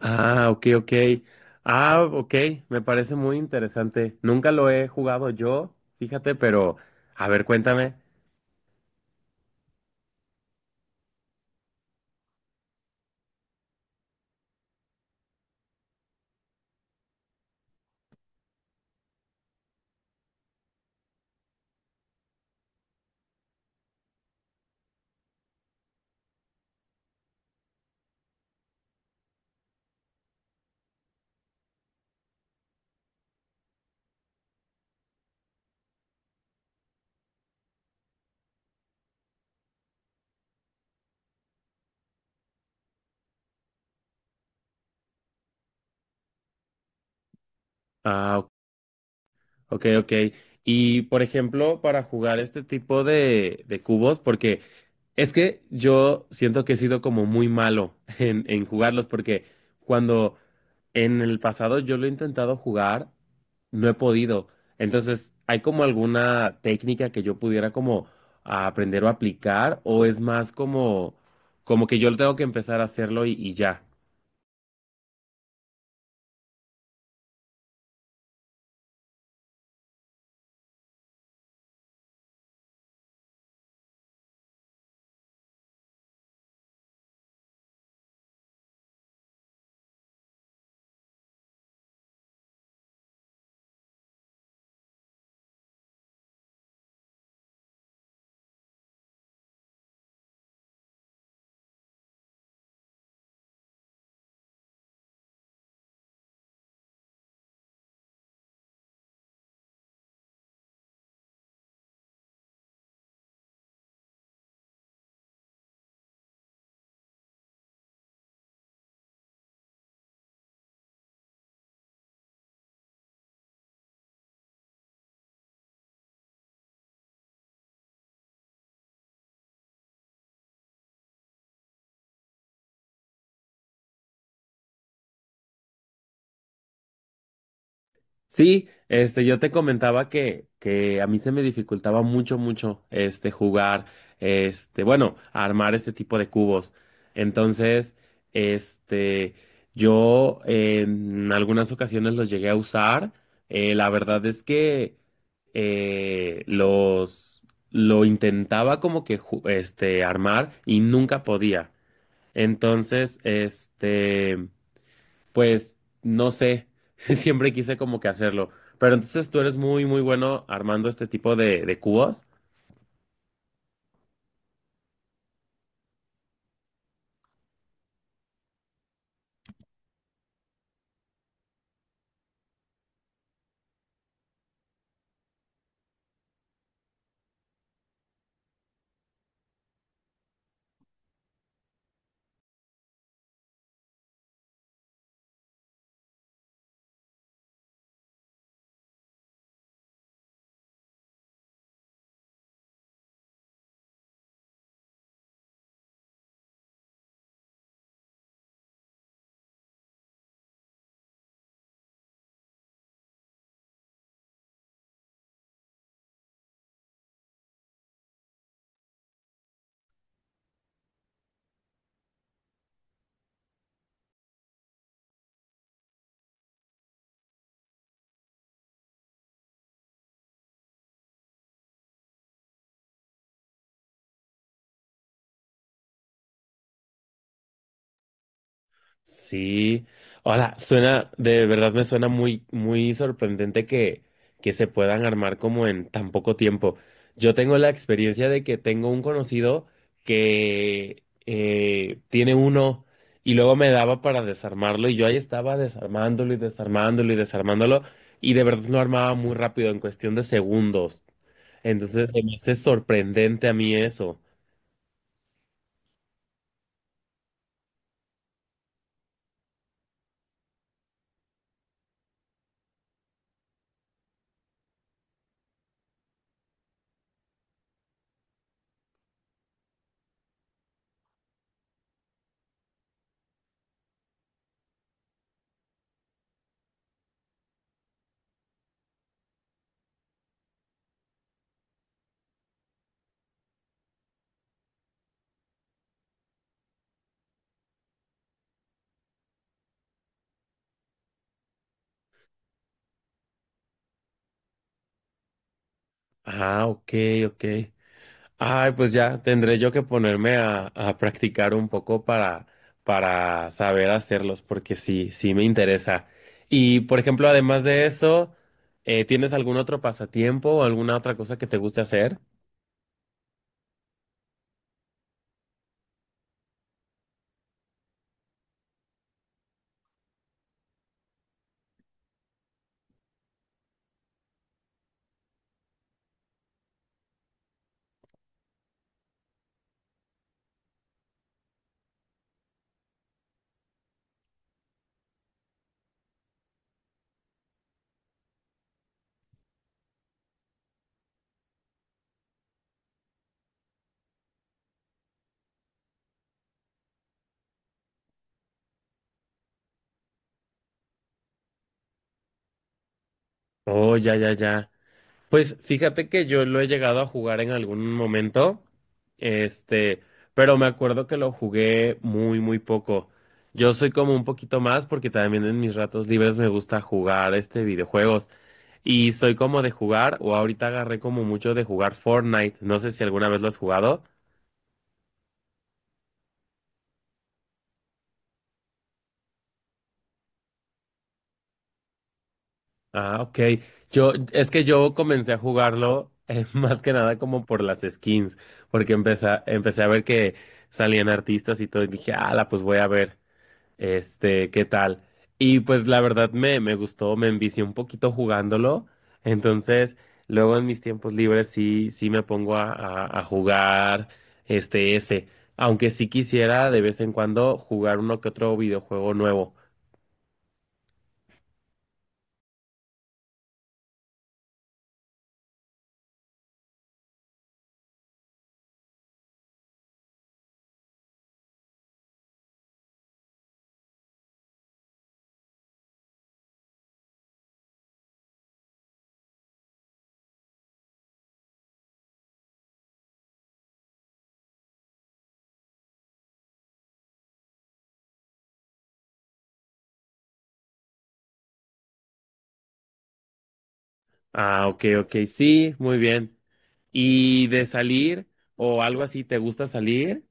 Ah, ok, ok. Ah, ok, me parece muy interesante. Nunca lo he jugado yo, fíjate, pero a ver, cuéntame. Ah, Ok, ok. Y por ejemplo, para jugar este tipo de cubos, porque es que yo siento que he sido como muy malo en jugarlos, porque cuando en el pasado yo lo he intentado jugar, no he podido. Entonces, ¿hay como alguna técnica que yo pudiera como aprender o aplicar? ¿O es más como, como que yo tengo que empezar a hacerlo y ya? Sí, este, yo te comentaba que a mí se me dificultaba mucho, mucho, este, jugar, este, bueno, armar este tipo de cubos. Entonces, este, yo en algunas ocasiones los llegué a usar. La verdad es que eh, los, lo intentaba como que, este, armar y nunca podía. Entonces, este. Pues no sé, siempre quise como que hacerlo. Pero entonces tú eres muy, muy bueno armando este tipo de cubos. Sí. Hola, suena, de verdad me suena muy, muy sorprendente que se puedan armar como en tan poco tiempo. Yo tengo la experiencia de que tengo un conocido que tiene uno y luego me daba para desarmarlo y yo ahí estaba desarmándolo y desarmándolo y desarmándolo y de verdad lo armaba muy rápido en cuestión de segundos. Entonces, se me hace sorprendente a mí eso. Ah, ok, ok. Ay, pues ya tendré yo que ponerme a practicar un poco para saber hacerlos, porque sí, sí me interesa. Y, por ejemplo, además de eso, ¿tienes algún otro pasatiempo o alguna otra cosa que te guste hacer? Oh, ya, ya, ya. Pues fíjate que yo lo he llegado a jugar en algún momento, este, pero me acuerdo que lo jugué muy, muy poco. Yo soy como un poquito más porque también en mis ratos libres me gusta jugar este videojuegos y soy como de jugar o ahorita agarré como mucho de jugar Fortnite. No sé si alguna vez lo has jugado. Ah, ok. Yo, es que yo comencé a jugarlo más que nada como por las skins, porque empecé a ver que salían artistas y todo y dije, ala, pues voy a ver. Este, ¿qué tal? Y pues la verdad me, me gustó, me envicié un poquito jugándolo. Entonces, luego en mis tiempos libres sí, sí me pongo a, a jugar este ese. Aunque sí quisiera de vez en cuando jugar uno que otro videojuego nuevo. Ah, ok, ok, sí, muy bien. ¿Y de salir o algo así, te gusta salir?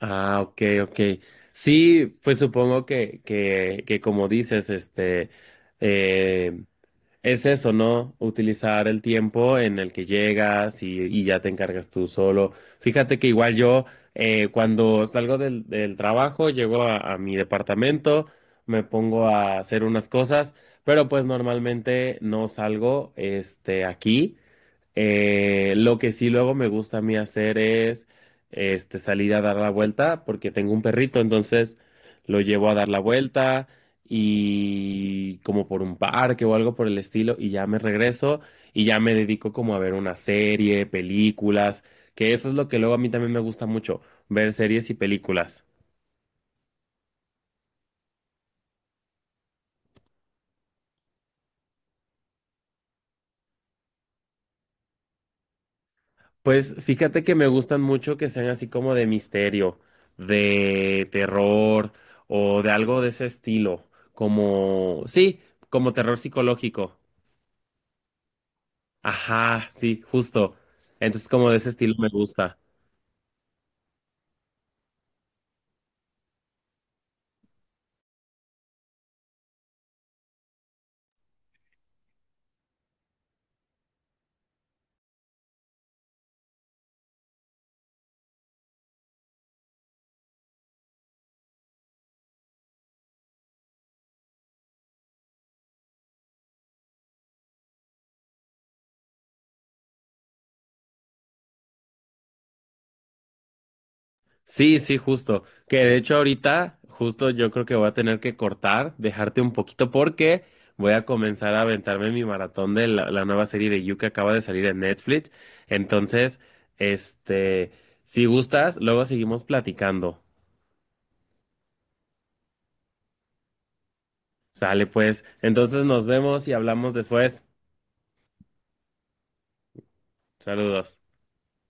Ah, ok, ok. Sí, pues supongo que como dices, este. em, Es eso, ¿no? Utilizar el tiempo en el que llegas y ya te encargas tú solo. Fíjate que igual yo, cuando salgo del trabajo, llego a mi departamento, me pongo a hacer unas cosas, pero pues normalmente no salgo, este, aquí. Lo que sí luego me gusta a mí hacer es este, salir a dar la vuelta porque tengo un perrito, entonces lo llevo a dar la vuelta y como por un parque o algo por el estilo y ya me regreso y ya me dedico como a ver una serie, películas, que eso es lo que luego a mí también me gusta mucho, ver series y películas. Pues fíjate que me gustan mucho que sean así como de misterio, de terror o de algo de ese estilo, como, sí, como terror psicológico. Ajá, sí, justo. Entonces como de ese estilo me gusta. Sí, sí, justo. Que de hecho ahorita, justo yo creo que voy a tener que cortar, dejarte un poquito porque voy a comenzar a aventarme mi maratón de la nueva serie de You que acaba de salir en Netflix. Entonces, este, si gustas, luego seguimos platicando. Sale pues. Entonces nos vemos y hablamos después. Saludos.